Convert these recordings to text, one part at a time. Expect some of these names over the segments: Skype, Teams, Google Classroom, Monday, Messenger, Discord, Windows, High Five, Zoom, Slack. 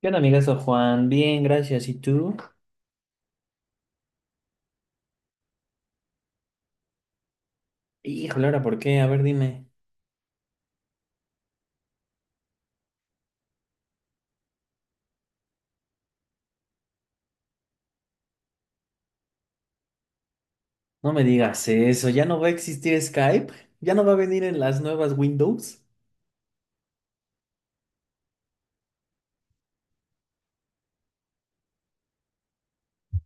¿Qué onda, amigazo Juan? Bien, gracias. ¿Y tú? Híjole, ahora, ¿por qué? A ver, dime. No me digas eso. ¿Ya no va a existir Skype? ¿Ya no va a venir en las nuevas Windows?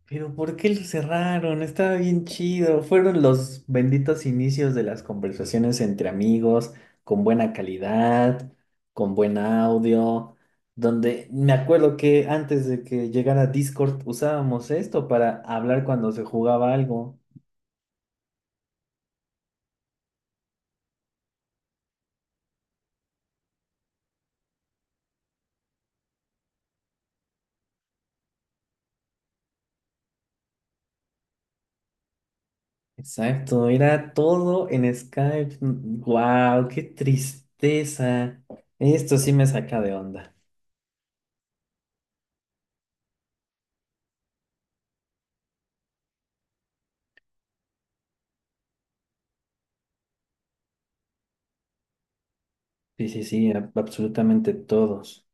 Pero ¿por qué lo cerraron? Estaba bien chido. Fueron los benditos inicios de las conversaciones entre amigos, con buena calidad, con buen audio, donde me acuerdo que antes de que llegara Discord usábamos esto para hablar cuando se jugaba algo. Exacto, era todo en Skype. Wow, qué tristeza. Esto sí me saca de onda. Sí, sí, sí, absolutamente todos.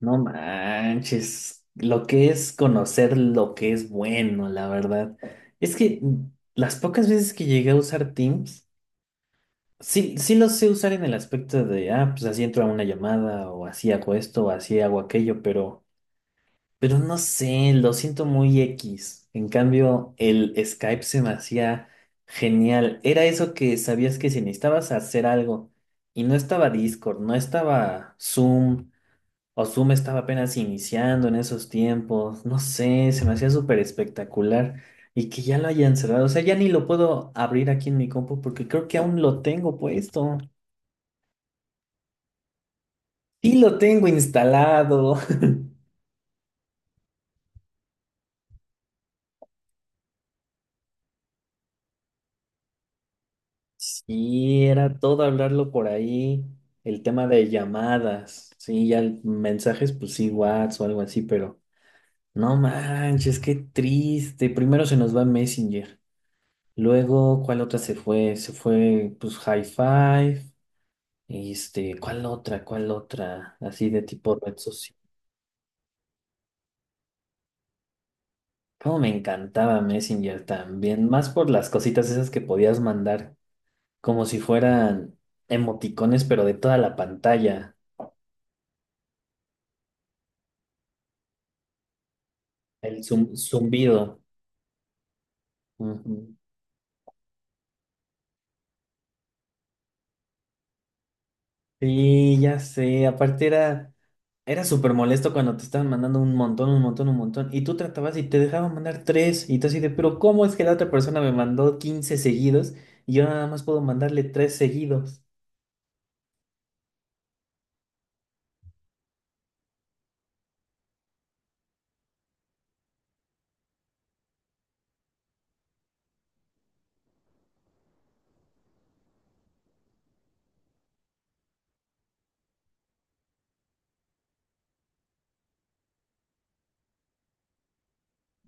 No manches, lo que es conocer lo que es bueno, la verdad. Es que, las pocas veces que llegué a usar Teams, sí, sí lo sé usar en el aspecto de, ah, pues así entro a una llamada o así hago esto o así hago aquello, pero... Pero no sé, lo siento muy X. En cambio, el Skype se me hacía genial. Era eso que sabías que si necesitabas hacer algo y no estaba Discord, no estaba Zoom, o Zoom estaba apenas iniciando en esos tiempos, no sé, se me hacía súper espectacular. Y que ya lo hayan cerrado, o sea, ya ni lo puedo abrir aquí en mi compu porque creo que aún lo tengo puesto. Sí lo tengo instalado. Sí, era todo hablarlo por ahí, el tema de llamadas, sí, ya mensajes, pues sí, WhatsApp o algo así, pero no manches, qué triste. Primero se nos va Messenger, luego, ¿cuál otra se fue? Se fue, pues, High Five, este, ¿cuál otra? ¿Cuál otra? Así de tipo red social. Cómo me encantaba Messenger también, más por las cositas esas que podías mandar, como si fueran emoticones, pero de toda la pantalla. El zumbido. Ujú. Sí, ya sé. Aparte era súper molesto cuando te estaban mandando un montón, un montón, un montón. Y tú tratabas y te dejaban mandar tres. Y tú así de, pero ¿cómo es que la otra persona me mandó 15 seguidos y yo nada más puedo mandarle tres seguidos?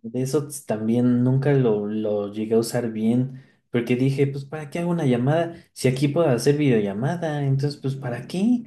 De eso también nunca lo llegué a usar bien. Porque dije, pues, ¿para qué hago una llamada? Si aquí puedo hacer videollamada, entonces, pues, ¿para qué?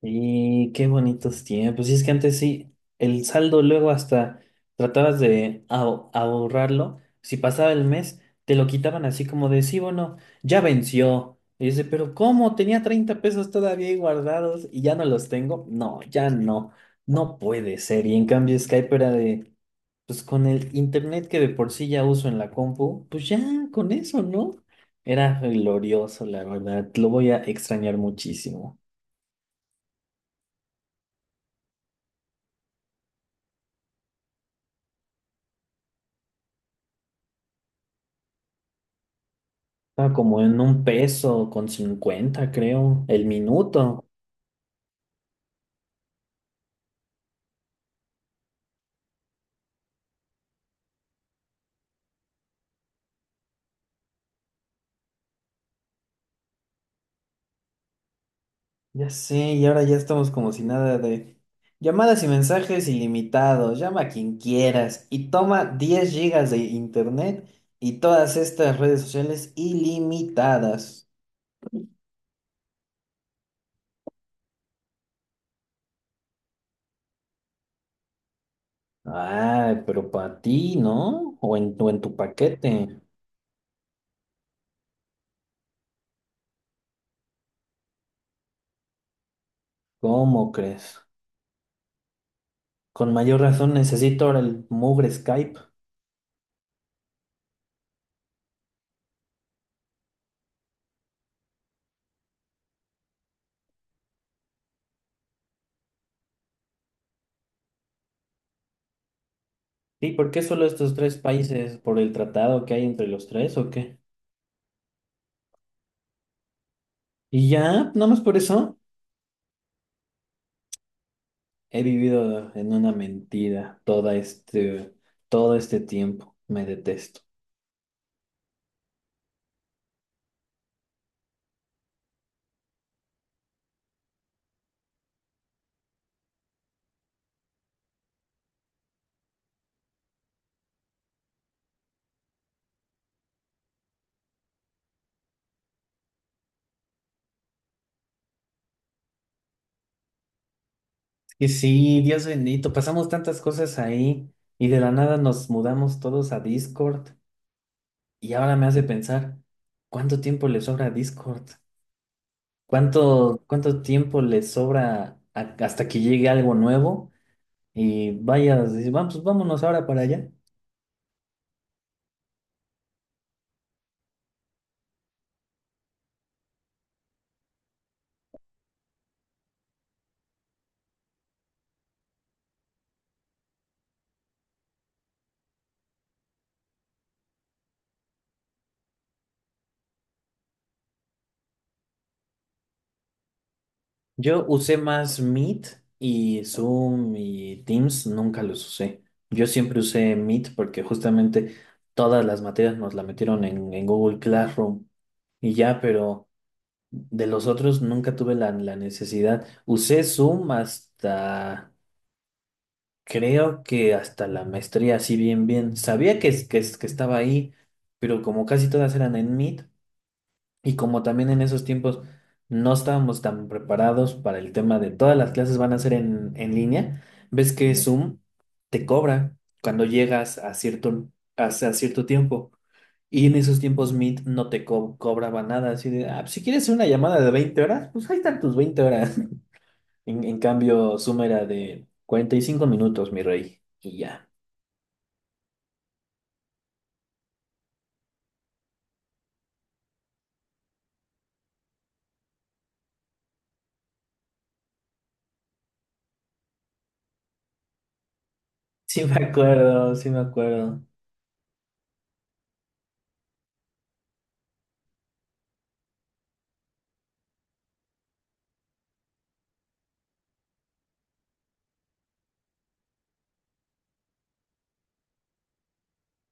Y qué bonitos tiempos. Y es que antes sí, el saldo luego hasta tratabas de ahorrarlo. Si pasaba el mes, te lo quitaban así como de, sí, bueno, ya venció. Y dice, pero ¿cómo? Tenía 30 pesos todavía ahí guardados y ya no los tengo. No, ya no. No puede ser. Y en cambio Skype era de, pues con el internet que de por sí ya uso en la compu, pues ya con eso, ¿no? Era glorioso, la verdad. Lo voy a extrañar muchísimo. Estaba como en un peso con 50 creo, el minuto. Ya sé, y ahora ya estamos como si nada de llamadas y mensajes ilimitados. Llama a quien quieras y toma 10 gigas de internet y todas estas redes sociales ilimitadas. Ay, pero para ti, ¿no? O en tu paquete. ¿Cómo crees? Con mayor razón necesito ahora el mugre Skype. Sí, ¿por qué solo estos tres países? ¿Por el tratado que hay entre los tres o qué? Y ya, nada más por eso, he vivido en una mentira toda este, todo este tiempo. Me detesto. Y sí, Dios bendito, pasamos tantas cosas ahí y de la nada nos mudamos todos a Discord y ahora me hace pensar, ¿cuánto tiempo le sobra a Discord? ¿Cuánto tiempo le sobra hasta que llegue algo nuevo? Y vaya, dice, vamos, vámonos ahora para allá. Yo usé más Meet y Zoom y Teams, nunca los usé. Yo siempre usé Meet porque justamente todas las materias nos la metieron en Google Classroom y ya, pero de los otros nunca tuve la necesidad. Usé Zoom hasta, creo que hasta la maestría, así bien, bien. Sabía que, que estaba ahí, pero como casi todas eran en Meet. Y como también en esos tiempos no estábamos tan preparados para el tema de todas las clases van a ser en línea, ves que Ujú. Zoom te cobra cuando llegas a cierto, a cierto tiempo. Y en esos tiempos Meet no te cobraba nada. Así de, "Ah, pues, si quieres una llamada de 20 horas, pues ahí están tus 20 horas. En cambio, Zoom era de 45 minutos, mi rey. Y ya. Sí me acuerdo, sí me acuerdo.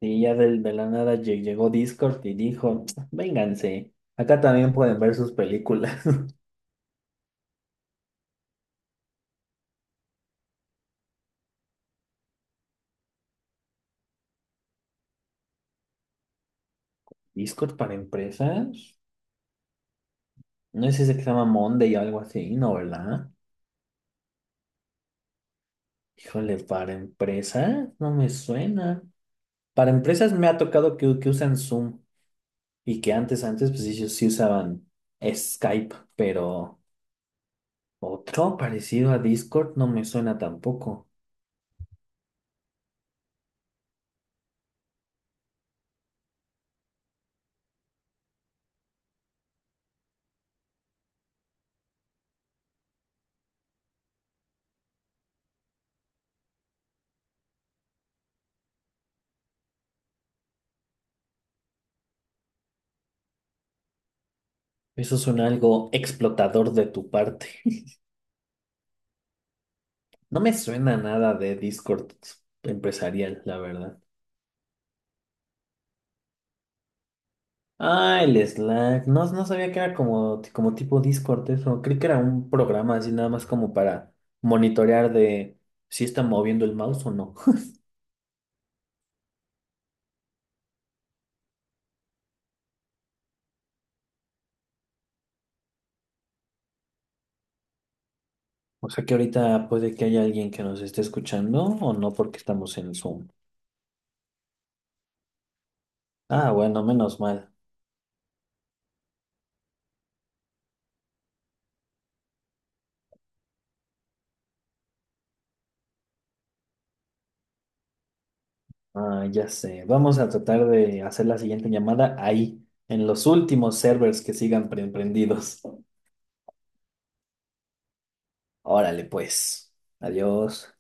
Y ya la nada llegó Discord y dijo, vénganse, acá también pueden ver sus películas. ¿Discord para empresas? No es ese que se llama Monday o algo así, ¿no, verdad? Híjole, ¿para empresas? No me suena. Para empresas me ha tocado que usan Zoom y que antes, antes, pues ellos sí usaban Skype, pero otro parecido a Discord no me suena tampoco. Eso suena algo explotador de tu parte. No me suena nada de Discord empresarial, la verdad. Ah, el Slack. No, no sabía que era como, como tipo Discord eso. Creí que era un programa así nada más como para monitorear de si está moviendo el mouse o no. O sea que ahorita puede que haya alguien que nos esté escuchando o no porque estamos en Zoom. Ah, bueno, menos mal. Ah, ya sé. Vamos a tratar de hacer la siguiente llamada ahí, en los últimos servers que sigan prendidos. Órale, pues. Adiós.